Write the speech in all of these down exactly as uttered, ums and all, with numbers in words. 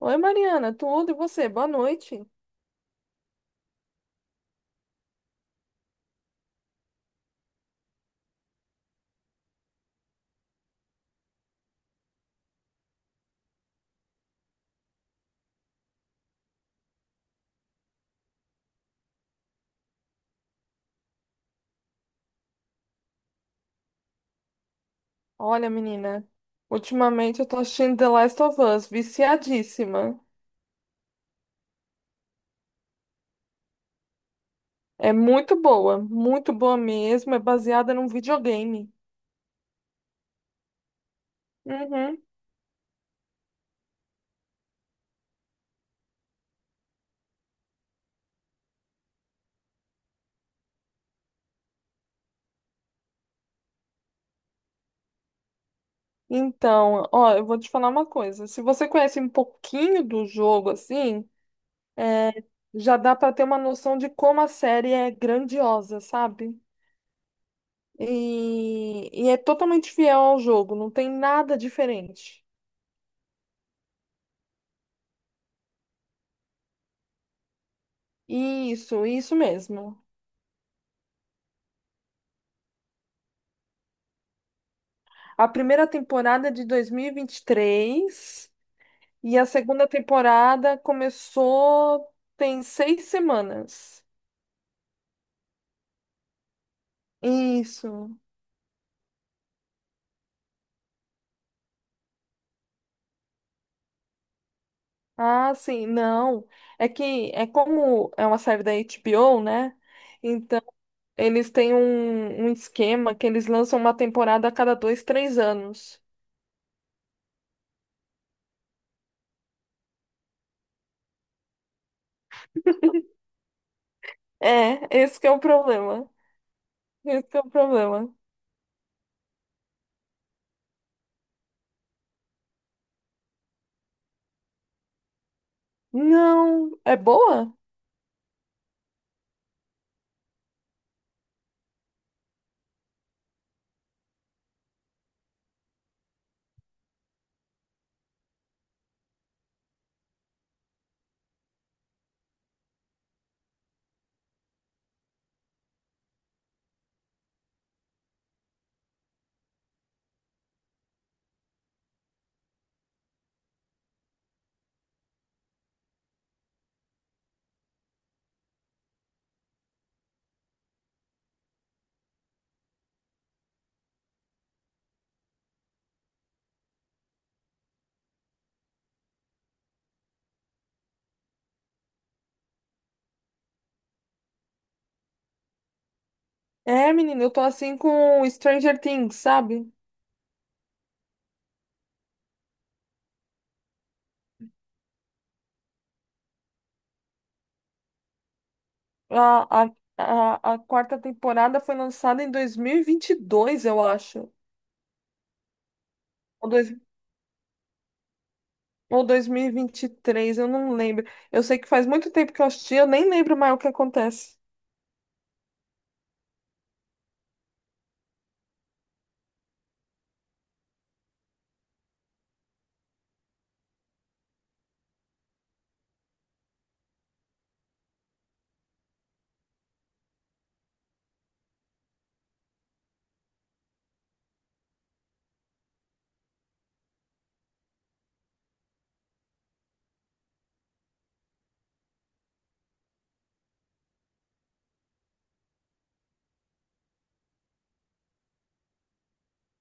Oi, Mariana, tudo e você? Boa noite. Olha, menina, ultimamente eu tô assistindo The Last of Us, viciadíssima. É muito boa, muito boa mesmo. É baseada num videogame. Uhum. Então, ó, eu vou te falar uma coisa. Se você conhece um pouquinho do jogo, assim, é, já dá pra ter uma noção de como a série é grandiosa, sabe? E, e é totalmente fiel ao jogo, não tem nada diferente. Isso, isso mesmo. A primeira temporada é de dois mil e vinte e três e vinte e três e a segunda temporada começou tem seis semanas. Isso. Ah, sim, não. É que é como é uma série da H B O, né? Então, eles têm um, um esquema que eles lançam uma temporada a cada dois, três anos. É, esse que é o problema. Esse que é o problema. Não, é boa? É, menina, eu tô assim com Stranger Things, sabe? A, a, a, a quarta temporada foi lançada em dois mil e e vinte e dois, eu acho. Ou, dois, ou dois mil e e vinte e três, eu não lembro. Eu sei que faz muito tempo que eu assisti, eu nem lembro mais o que acontece.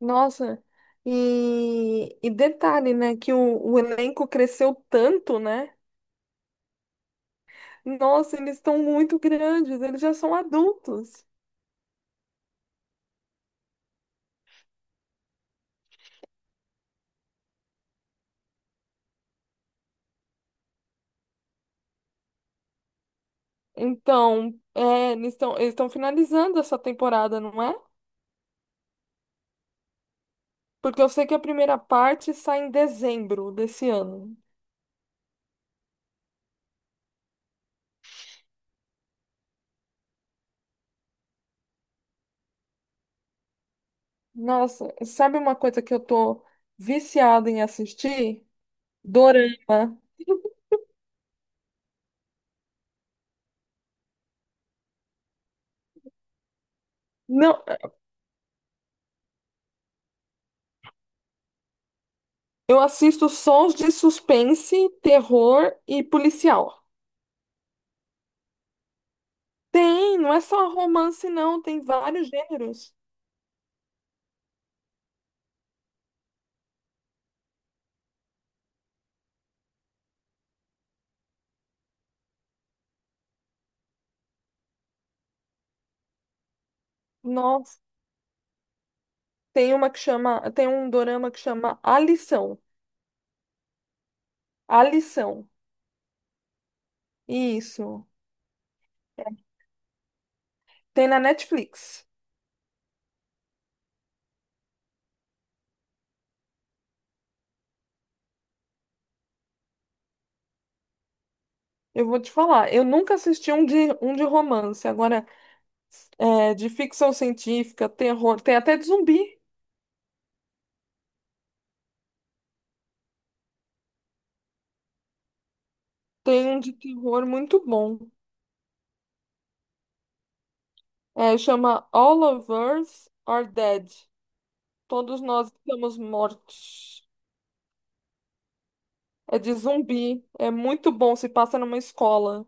Nossa, e, e detalhe, né, que o, o elenco cresceu tanto, né? Nossa, eles estão muito grandes, eles já são adultos. Então, é, eles estão eles estão finalizando essa temporada, não é? Porque eu sei que a primeira parte sai em dezembro desse ano. Nossa, sabe uma coisa que eu tô viciada em assistir? Dorama. Não, eu assisto sons de suspense, terror e policial. Tem, não é só romance, não, tem vários gêneros. Nossa, tem uma que chama, tem um dorama que chama A Lição. A Lição. Isso. Tem na Netflix. Eu vou te falar, eu nunca assisti um de, um de romance. Agora, é, de ficção científica, terror, tem até de zumbi. Tem um de terror muito bom. É, chama All of Us Are Dead. Todos nós estamos mortos. É de zumbi. É muito bom, se passa numa escola.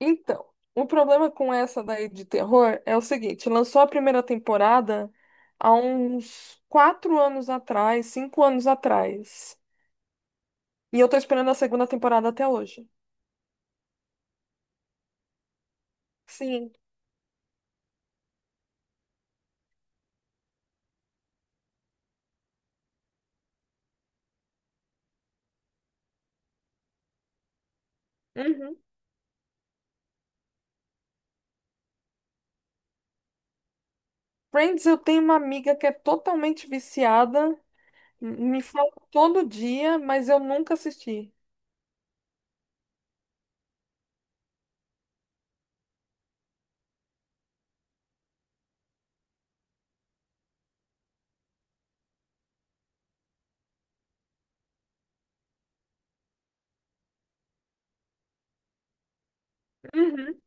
Então, o problema com essa daí de terror é o seguinte: lançou a primeira temporada há uns quatro anos atrás, cinco anos atrás. E eu tô esperando a segunda temporada até hoje. Sim. Uhum. Friends, eu tenho uma amiga que é totalmente viciada. Me falam todo dia, mas eu nunca assisti. Uhum.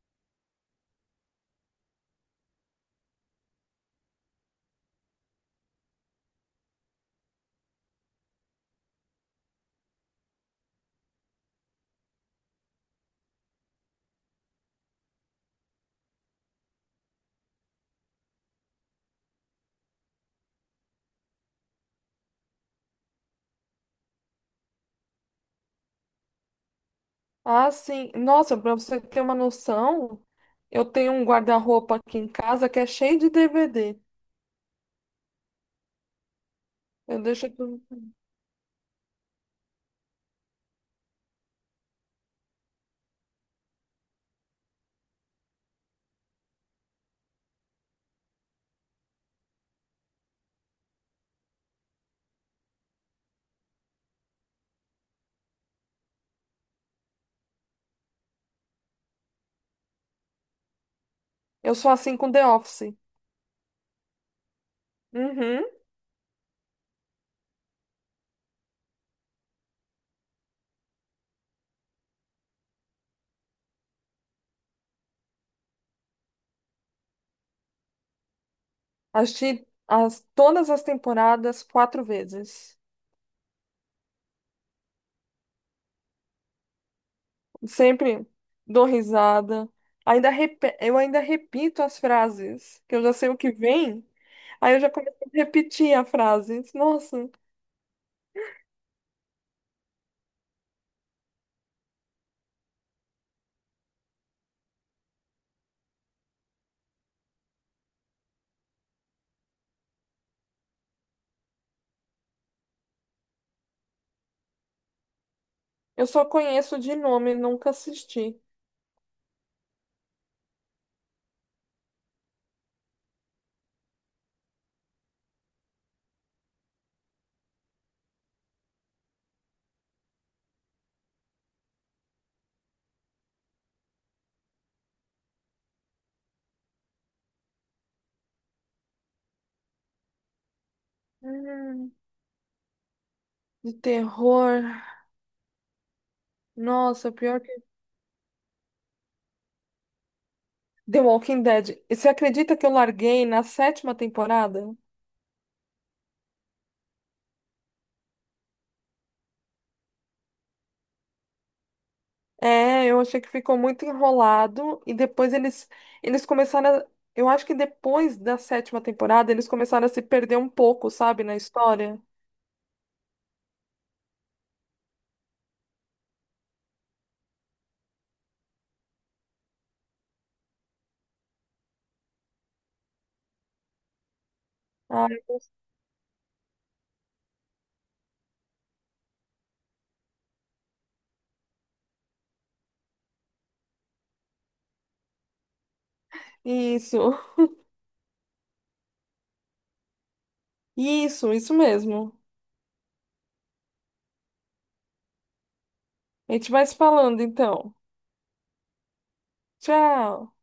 Ah, sim. Nossa, pra você ter uma noção, eu tenho um guarda-roupa aqui em casa que é cheio de D V D. Eu deixo tudo. Eu sou assim com The Office. Uhum. Assisti as, todas as temporadas quatro vezes. Sempre dou risada. Ainda repe- Eu ainda repito as frases, que eu já sei o que vem. Aí eu já começo a repetir a frase. Nossa. Eu só conheço de nome, nunca assisti. Hum. De terror. Nossa, pior que. The Walking Dead. E você acredita que eu larguei na sétima temporada? É, eu achei que ficou muito enrolado. E depois eles, eles começaram. a- Eu acho que depois da sétima temporada, eles começaram a se perder um pouco, sabe, na história. Ah, isso. Isso, isso mesmo. A gente vai se falando então. Tchau.